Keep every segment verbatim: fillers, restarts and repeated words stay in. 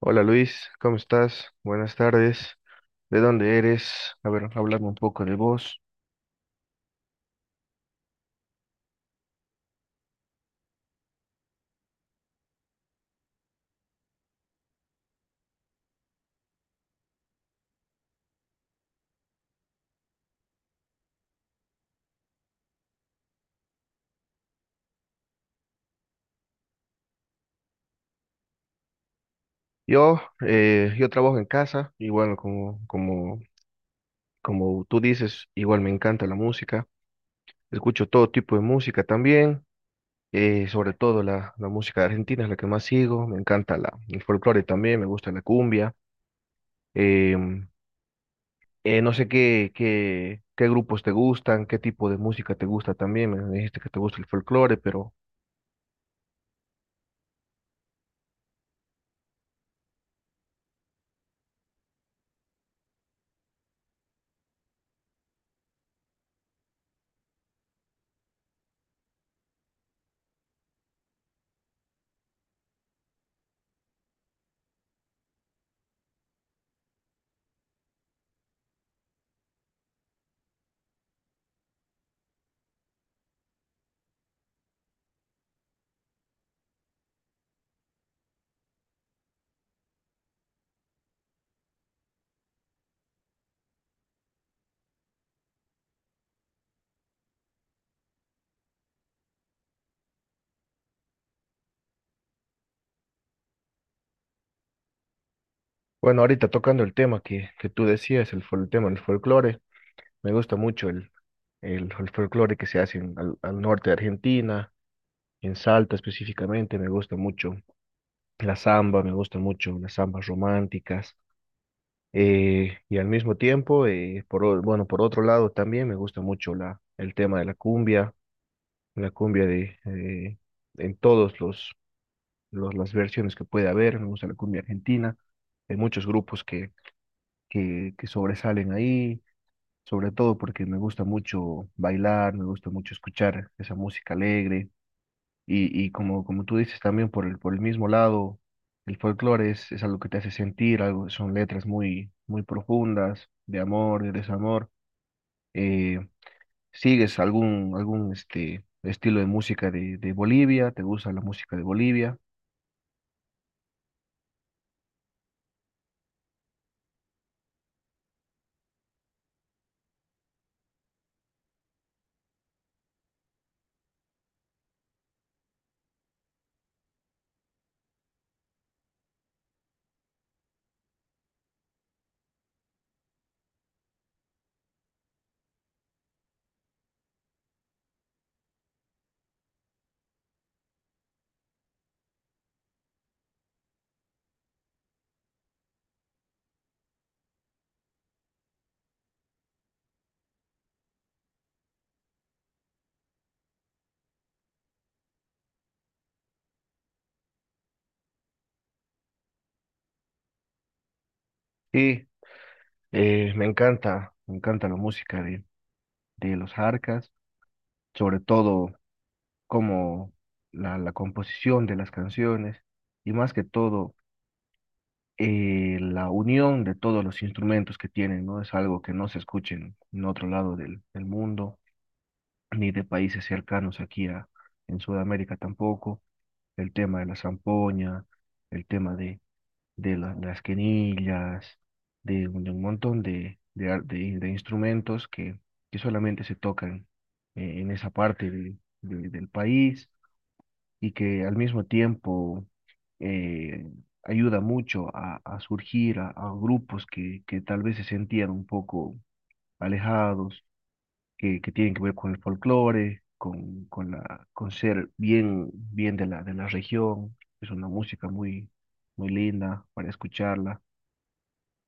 Hola Luis, ¿cómo estás? Buenas tardes. ¿De dónde eres? A ver, háblame un poco de vos. Yo, eh, yo trabajo en casa y bueno, como, como, como tú dices, igual me encanta la música. Escucho todo tipo de música también, eh, sobre todo la, la música argentina es la que más sigo. Me encanta la, el folclore también, me gusta la cumbia. Em, eh, no sé qué, qué, qué grupos te gustan, qué tipo de música te gusta también. Me dijiste que te gusta el folclore, pero... Bueno, ahorita tocando el tema que, que tú decías, el, fol- el tema del folclore, me gusta mucho el, el, el folclore que se hace en- al, al norte de Argentina, en Salta específicamente, me gusta mucho la samba, me gustan mucho las zambas románticas, eh, y al mismo tiempo, eh, por, o- bueno, por otro lado también me gusta mucho la, el tema de la cumbia, la cumbia de, eh, en todos los, los, las versiones que puede haber, me gusta la cumbia argentina, hay muchos grupos que, que, que sobresalen ahí sobre todo porque me gusta mucho bailar, me gusta mucho escuchar esa música alegre y, y como, como tú dices también por el, por el mismo lado, el folclore es, es algo que te hace sentir, algo, son letras muy, muy profundas de amor, de desamor. Eh, ¿sigues algún, algún este, estilo de música de, de Bolivia? ¿Te gusta la música de Bolivia? Sí, eh, me encanta, me encanta la música de, de los Jarcas, sobre todo. Como la, la composición de las canciones y más que todo eh, la unión de todos los instrumentos que tienen, ¿no? Es algo que no se escucha en, en otro lado del, del mundo, ni de países cercanos aquí a, en Sudamérica tampoco. El tema de la zampoña, el tema de, de la- las quenillas, de, un de un montón de, de, ar- de- de instrumentos que, que solamente se tocan eh, en esa parte de- de- del país y que al mismo tiempo eh, ayuda mucho a, a surgir a, a grupos que, que tal vez se sentían un poco alejados, que, que tienen que ver con el folclore, con, con la, con ser bien, bien de la, de la región. Es una música muy, muy linda para escucharla.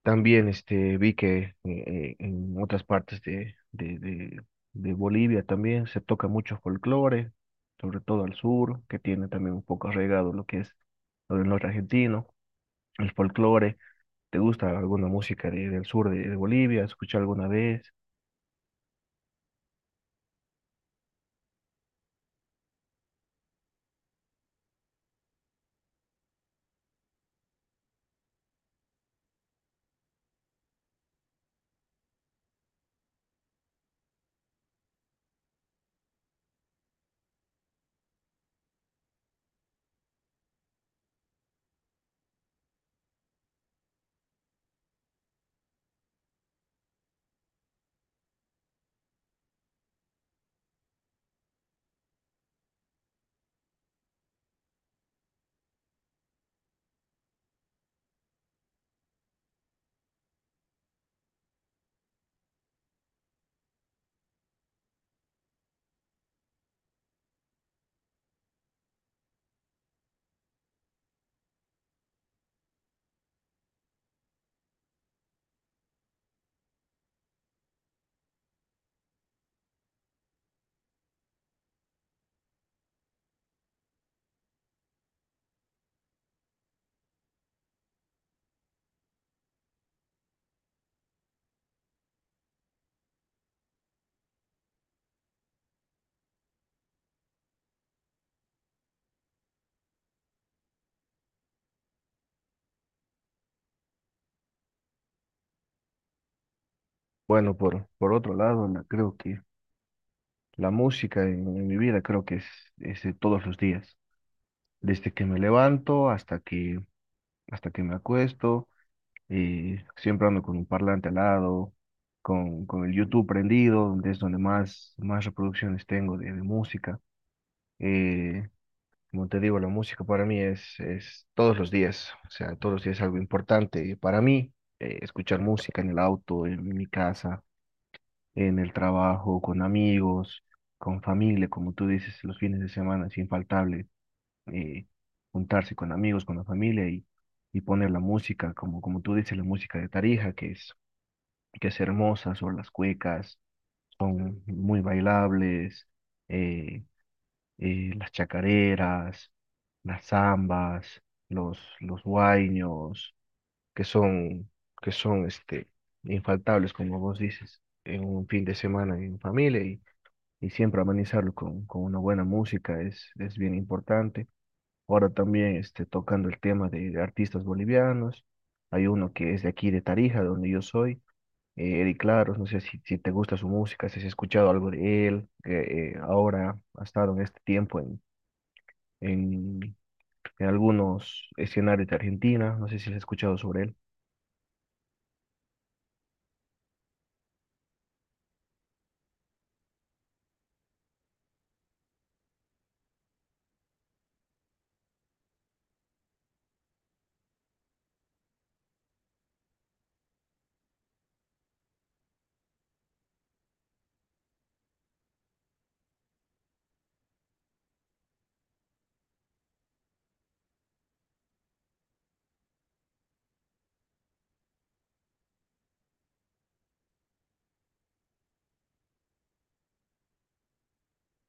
También este, vi que eh, eh, en otras partes de, de, de- de Bolivia también se toca mucho folclore, sobre todo al sur, que tiene también un poco arraigado lo que es lo del norte argentino, el folclore. ¿Te gusta alguna música de- del sur de, de Bolivia? ¿Has escuchado alguna vez? Bueno, por, por otro lado, la- creo que la música en, en mi vida creo que es, es de todos los días, desde que me levanto hasta que, hasta que me acuesto y siempre ando con un parlante al lado, con, con el YouTube prendido, donde es donde más, más reproducciones tengo de, de música. Eh, Como te digo, la música para mí es, es todos los días, o sea, todos los días es algo importante para mí, eh, escuchar música en el auto, en mi casa, en el trabajo, con amigos, con familia, como tú dices, los fines de semana es infaltable, eh, juntarse con amigos, con la familia y, y poner la música, como, como tú dices, la música de Tarija, que es que es hermosa sobre las cuecas, son muy bailables, eh, eh, las chacareras, las zambas, los, los huayños, que son, que son este, infaltables, como vos dices, en un fin de semana en familia y, y siempre amenizarlo con, con una buena música es, es bien importante. Ahora también este, tocando el tema de, de artistas bolivianos, hay uno que es de aquí de Tarija, donde yo soy, eh, Eddie Claros, no sé si, si te gusta su música, si has escuchado algo de él, que eh, ahora ha estado en este tiempo en, en, en algunos escenarios de Argentina, no sé si has escuchado sobre él.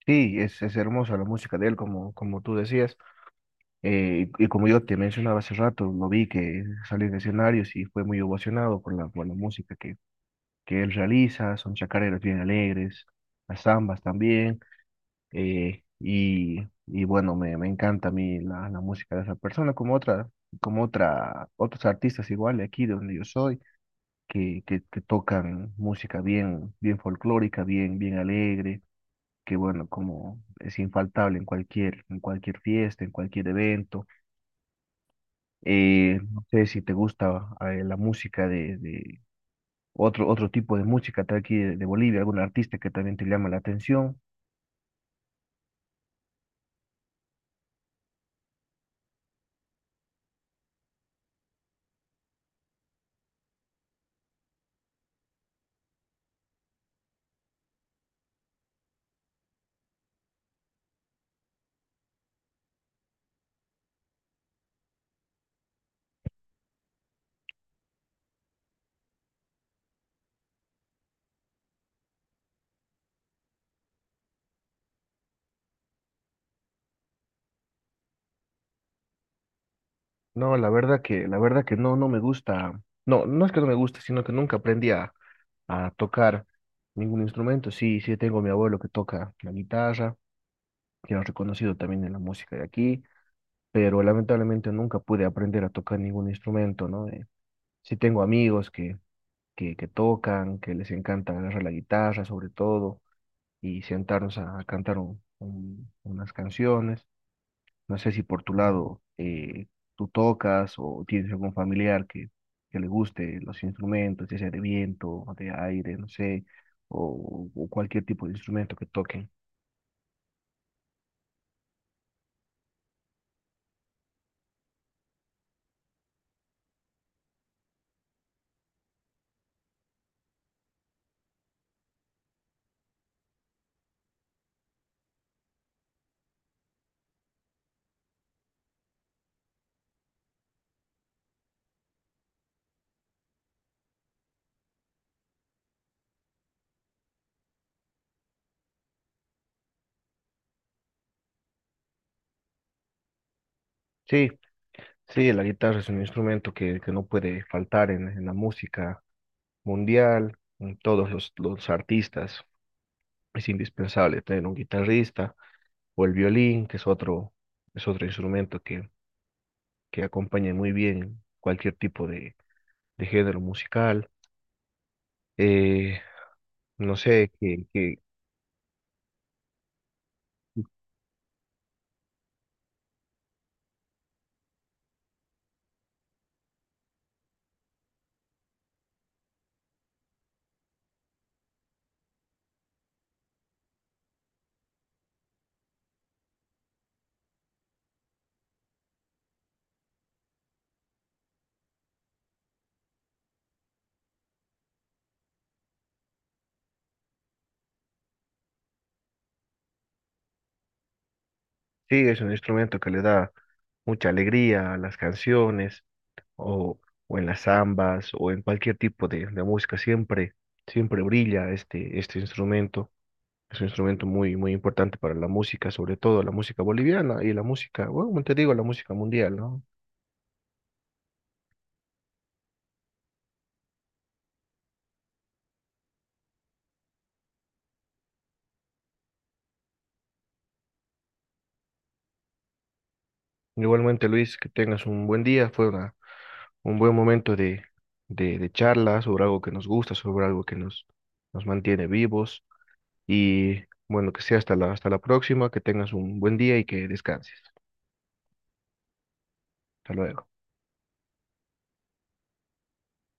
Sí, es, es hermosa la música de él, como, como tú decías, eh, y, y como yo te mencionaba hace rato, lo vi que salió en escenarios y fue muy ovacionado por la, por la música que, que él realiza, son chacareras bien alegres, las zambas también. eh, y, y bueno, me, me encanta a mí la, la música de esa persona, como otra, como otra, otros artistas igual de aquí de donde yo soy, que, que, que tocan música bien, bien folclórica, bien, bien alegre, que bueno, como es infaltable en cualquier, en cualquier fiesta, en cualquier evento. Eh, no sé si te gusta eh, la música de, de otro, otro tipo de música de aquí de de Bolivia, algún artista que también te llama la atención. No, la verdad que, la verdad que no, no me gusta. No, no es que no me guste, sino que nunca aprendí a, a tocar ningún instrumento. Sí, sí tengo a mi abuelo que toca la guitarra, que es reconocido también en la música de aquí, pero lamentablemente nunca pude aprender a tocar ningún instrumento, ¿no? Eh, sí tengo amigos que, que, que tocan, que les encanta agarrar la guitarra sobre todo y sentarnos a, a cantar un- un- unas canciones. No sé si por tu lado eh, tú tocas o tienes algún familiar que, que le guste los instrumentos, ya sea de viento, o de aire, no sé, o, o cualquier tipo de instrumento que toquen. Sí, sí, la guitarra es un instrumento que, que no puede faltar en, en la música mundial, en todos los, los artistas. Es indispensable tener un guitarrista o el violín, que es otro, es otro instrumento que, que acompaña muy bien cualquier tipo de, de género musical. Eh, No sé, que, que sí, es un instrumento que le da mucha alegría a las canciones o, o en las zambas o en cualquier tipo de, de música. Siempre, siempre brilla este, este instrumento. Es un instrumento muy, muy importante para la música, sobre todo la música boliviana y la música, bueno, como te digo, la música mundial, ¿no? Igualmente, Luis, que tengas un buen día. Fue una, un buen momento de, de, de charla sobre algo que nos gusta, sobre algo que nos, nos mantiene vivos. Y bueno, que sea hasta la, hasta la próxima, que tengas un buen día y que descanses. Hasta luego.